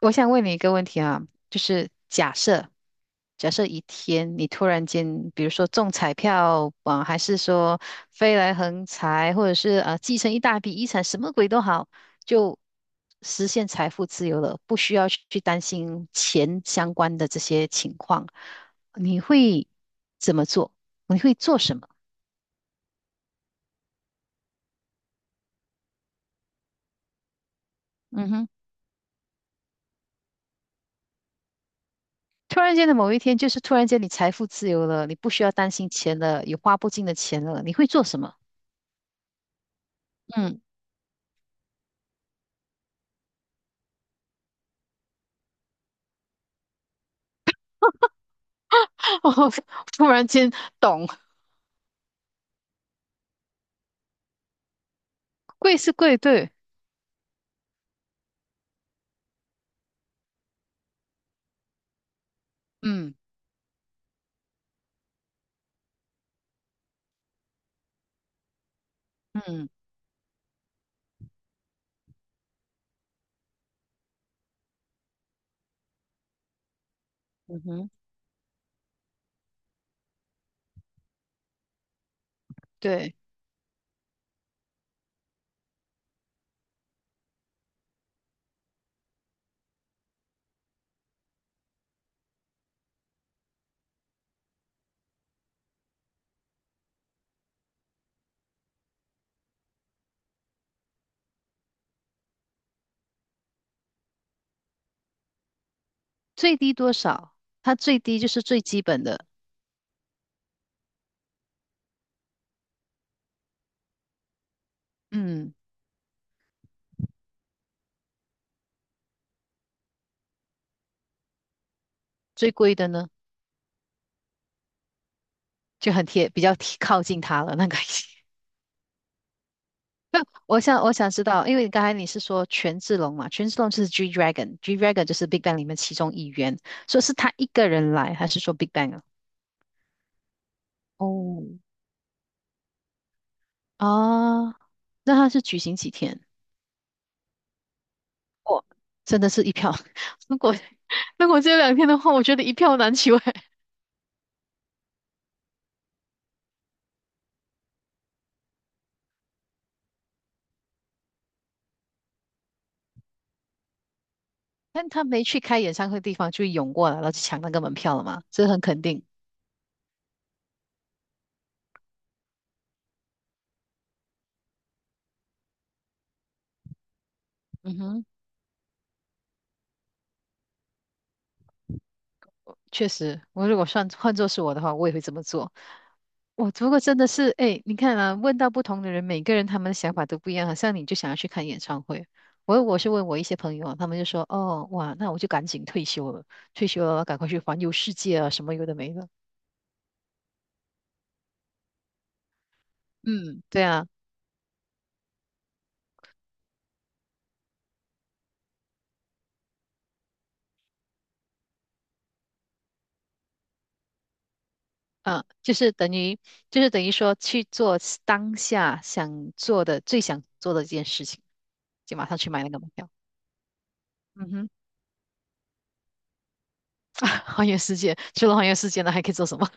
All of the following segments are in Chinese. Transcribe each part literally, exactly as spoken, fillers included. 我想问你一个问题啊，就是假设，假设一天你突然间，比如说中彩票啊，还是说飞来横财，或者是啊继承一大笔遗产，什么鬼都好，就实现财富自由了，不需要去去担心钱相关的这些情况，你会怎么做？你会做什么？嗯哼。突然间的某一天，就是突然间你财富自由了，你不需要担心钱了，有花不尽的钱了，你会做什么？嗯。哦，突然间懂，贵是贵，对，嗯嗯嗯哼，对，最低多少？它最低就是最基本的，嗯，最贵的呢就很贴，比较贴靠近它了那个。那我想我想知道，因为刚才你是说权志龙嘛，权志龙就是 G Dragon，G Dragon 就是 Big Bang 里面其中一员，所以是他一个人来，还是说 Big Bang 啊？哦，啊，那他是举行几天？我真的是一票。如果如果只有两天的话，我觉得一票难求哎。但他没去开演唱会的地方，就涌过来了，就抢那个门票了嘛，这很肯定。嗯哼，确实，我如果算换做是我的话，我也会这么做。我如果真的是哎，你看啊，问到不同的人，每个人他们的想法都不一样，好像你就想要去看演唱会。我我是问我一些朋友啊，他们就说，哦，哇，那我就赶紧退休了，退休了，赶快去环游世界啊，什么有的没的。嗯，对啊。嗯，就是等于，就是等于说去做当下想做的、最想做的一件事情，就马上去买那个门票。嗯哼，啊，环游世界，除了环游世界呢，还可以做什么？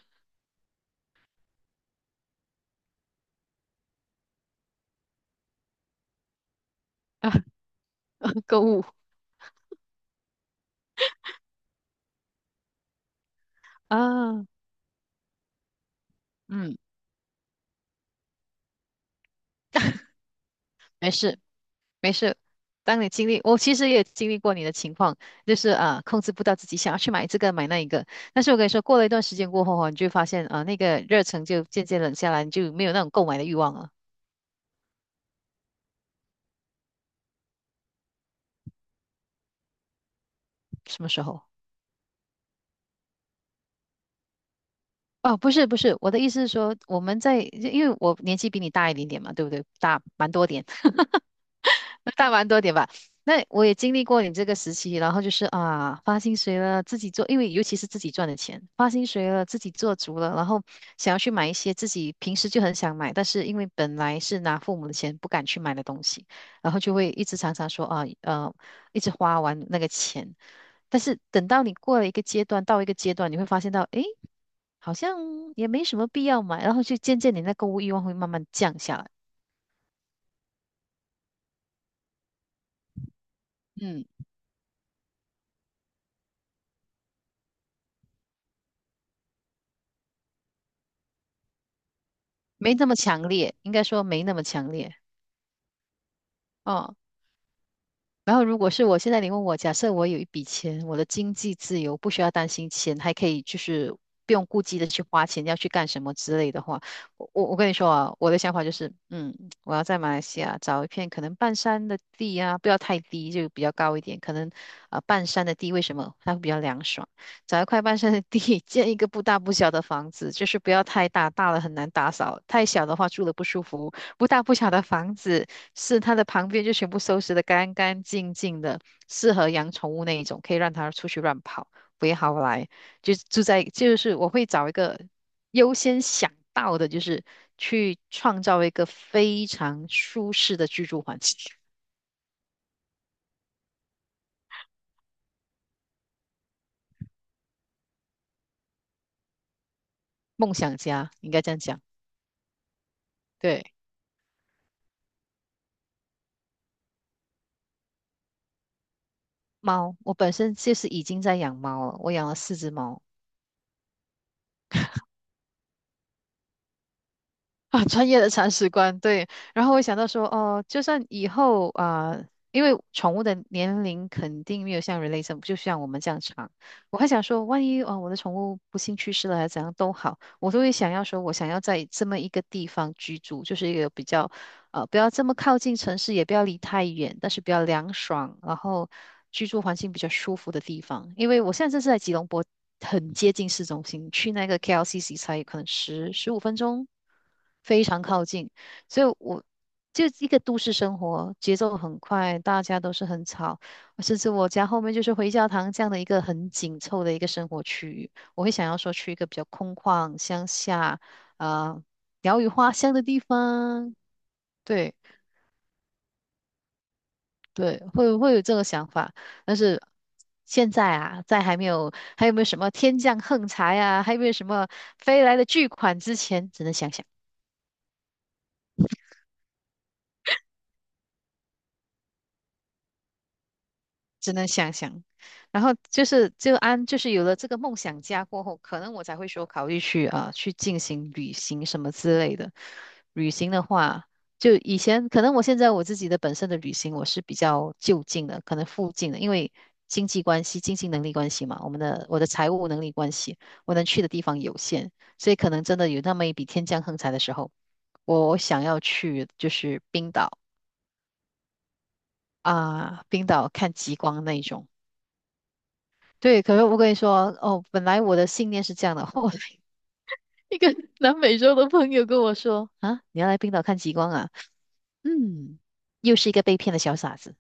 啊，购物啊，嗯，没事没事。当你经历，我其实也经历过你的情况，就是啊，控制不到自己想要去买这个买那一个。但是我跟你说，过了一段时间过后哦，你就会发现啊，那个热忱就渐渐冷下来，你就没有那种购买的欲望了。什么时候？哦，不是不是，我的意思是说，我们在，因为我年纪比你大一点点嘛，对不对？大蛮多点，大蛮多点吧。那我也经历过你这个时期，然后就是啊，发薪水了，自己做，因为尤其是自己赚的钱，发薪水了，自己做足了，然后想要去买一些自己平时就很想买，但是因为本来是拿父母的钱不敢去买的东西，然后就会一直常常说啊，呃，一直花完那个钱。但是等到你过了一个阶段，到一个阶段，你会发现到，诶。好像也没什么必要买，然后就渐渐你那购物欲望会慢慢降下来，嗯，没那么强烈，应该说没那么强烈。哦。然后，如果是我现在你问我，假设我有一笔钱，我的经济自由，不需要担心钱，还可以就是不用顾忌的去花钱，要去干什么之类的话，我我我跟你说啊，我的想法就是，嗯，我要在马来西亚找一片可能半山的地啊，不要太低，就比较高一点，可能啊、呃半山的地为什么它会比较凉爽？找一块半山的地，建一个不大不小的房子，就是不要太大，大了很难打扫，太小的话住了不舒服，不大不小的房子。是它的旁边就全部收拾的干干净净的，适合养宠物那一种，可以让它出去乱跑，不会好来。就住在，就是我会找一个优先想到的，就是去创造一个非常舒适的居住环境，梦想家应该这样讲。对，猫，我本身就是已经在养猫了，我养了四只猫。啊，专业的铲屎官，对。然后我想到说，哦，就算以后啊、因为宠物的年龄肯定没有像人类这么，就像我们这样长。我还想说，万一啊、呃我的宠物不幸去世了，还是怎样都好，我都会想要说，我想要在这么一个地方居住，就是一个比较啊，不要这么靠近城市，也不要离太远，但是比较凉爽，然后居住环境比较舒服的地方。因为我现在这是在吉隆坡，很接近市中心，去那个 K L C C 才可能十十五分钟，非常靠近。所以我就一个都市生活，节奏很快，大家都是很吵，甚至我家后面就是回教堂这样的一个很紧凑的一个生活区域，我会想要说去一个比较空旷、乡下，啊，鸟语花香的地方。对，对，会会有这个想法，但是现在啊，在还没有还有没有什么天降横财啊，还有没有什么飞来的巨款之前，只能想想。只能想想。然后就是就安，就是有了这个梦想家过后，可能我才会说考虑去啊呃去进行旅行什么之类的。旅行的话，就以前可能我现在我自己的本身的旅行我是比较就近的，可能附近的，因为经济关系、经济能力关系嘛，我们的我的财务能力关系，我能去的地方有限，所以可能真的有那么一笔天降横财的时候，我想要去就是冰岛啊，冰岛看极光那一种。对，可是我跟你说，哦，本来我的信念是这样的。后来一个南美洲的朋友跟我说：“啊，你要来冰岛看极光啊？”嗯，又是一个被骗的小傻子。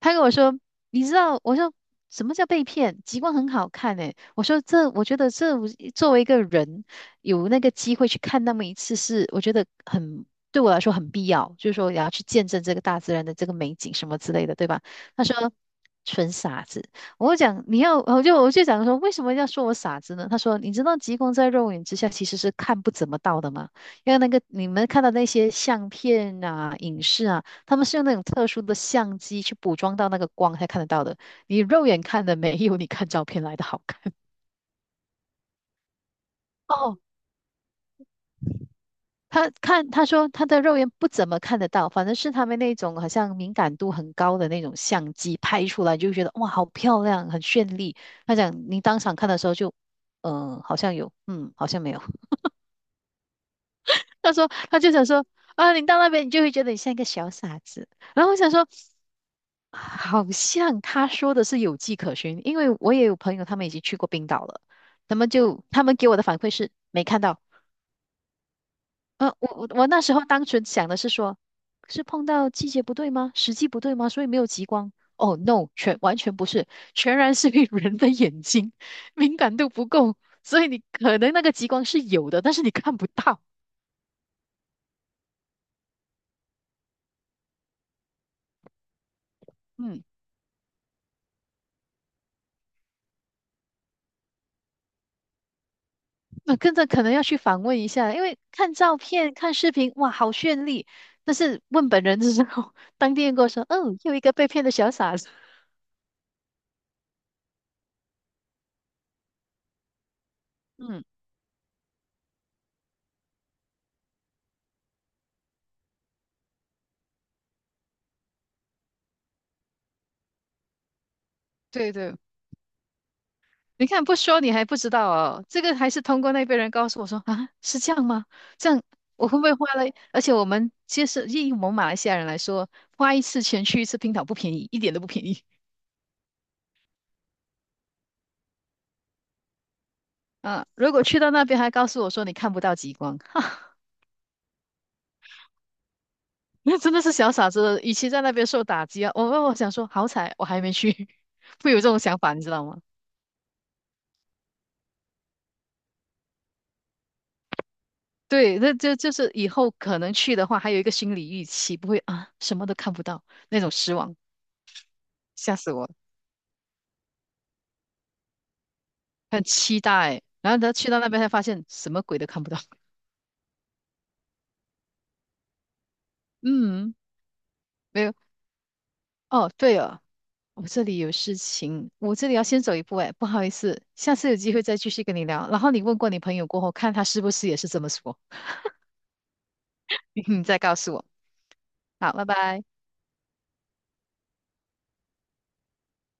他跟我说，你知道，我说什么叫被骗？极光很好看诶、我说这，我觉得这作为一个人有那个机会去看那么一次是，我觉得很对我来说很必要，就是说也要去见证这个大自然的这个美景什么之类的，对吧？他说纯傻子，我讲你要，我就我就讲说为什么要说我傻子呢？他说你知道极光在肉眼之下其实是看不怎么到的吗？因为那个你们看到那些相片啊、影视啊。他们是用那种特殊的相机去捕捉到那个光才看得到的，你肉眼看的没有你看照片来的好看。哦，他看他说他的肉眼不怎么看得到，反正是他们那种好像敏感度很高的那种相机拍出来就觉得哇好漂亮，很绚丽。他讲你当场看的时候就，嗯、好像有，嗯，好像没有。他说他就想说啊，你到那边你就会觉得你像一个小傻子。然后我想说。好像他说的是有迹可循，因为我也有朋友他们已经去过冰岛了，他们就他们给我的反馈是没看到。呃，我我我那时候单纯想的是说，是碰到季节不对吗？时机不对吗？所以没有极光。哦，no，全完全不是，全然是因为人的眼睛敏感度不够，所以你可能那个极光是有的，但是你看不到。嗯。那跟着可能要去访问一下，因为看照片、看视频，哇，好绚丽。但是问本人的时候，当地人跟我说：“嗯，又一个被骗的小傻子。”嗯，对对，你看不说你还不知道哦，这个还是通过那边人告诉我说啊，是这样吗？这样我会不会花了？而且我们其实以我们马来西亚人来说，花一次钱去一次冰岛不便宜，一点都不便宜 啊。如果去到那边还告诉我说你看不到极光，哈。那真的是小傻子，与其在那边受打击啊，我我我想说，好彩我还没去，会有这种想法，你知道吗？对，那就就是以后可能去的话，还有一个心理预期，不会啊，什么都看不到那种失望，吓死我了，很期待。然后他去到那边才发现什么鬼都看不到。嗯，没有。哦，对哦，我这里有事情，我这里要先走一步，哎，不好意思，下次有机会再继续跟你聊。然后你问过你朋友过后，看他是不是也是这么说，你再告诉我。好，拜拜。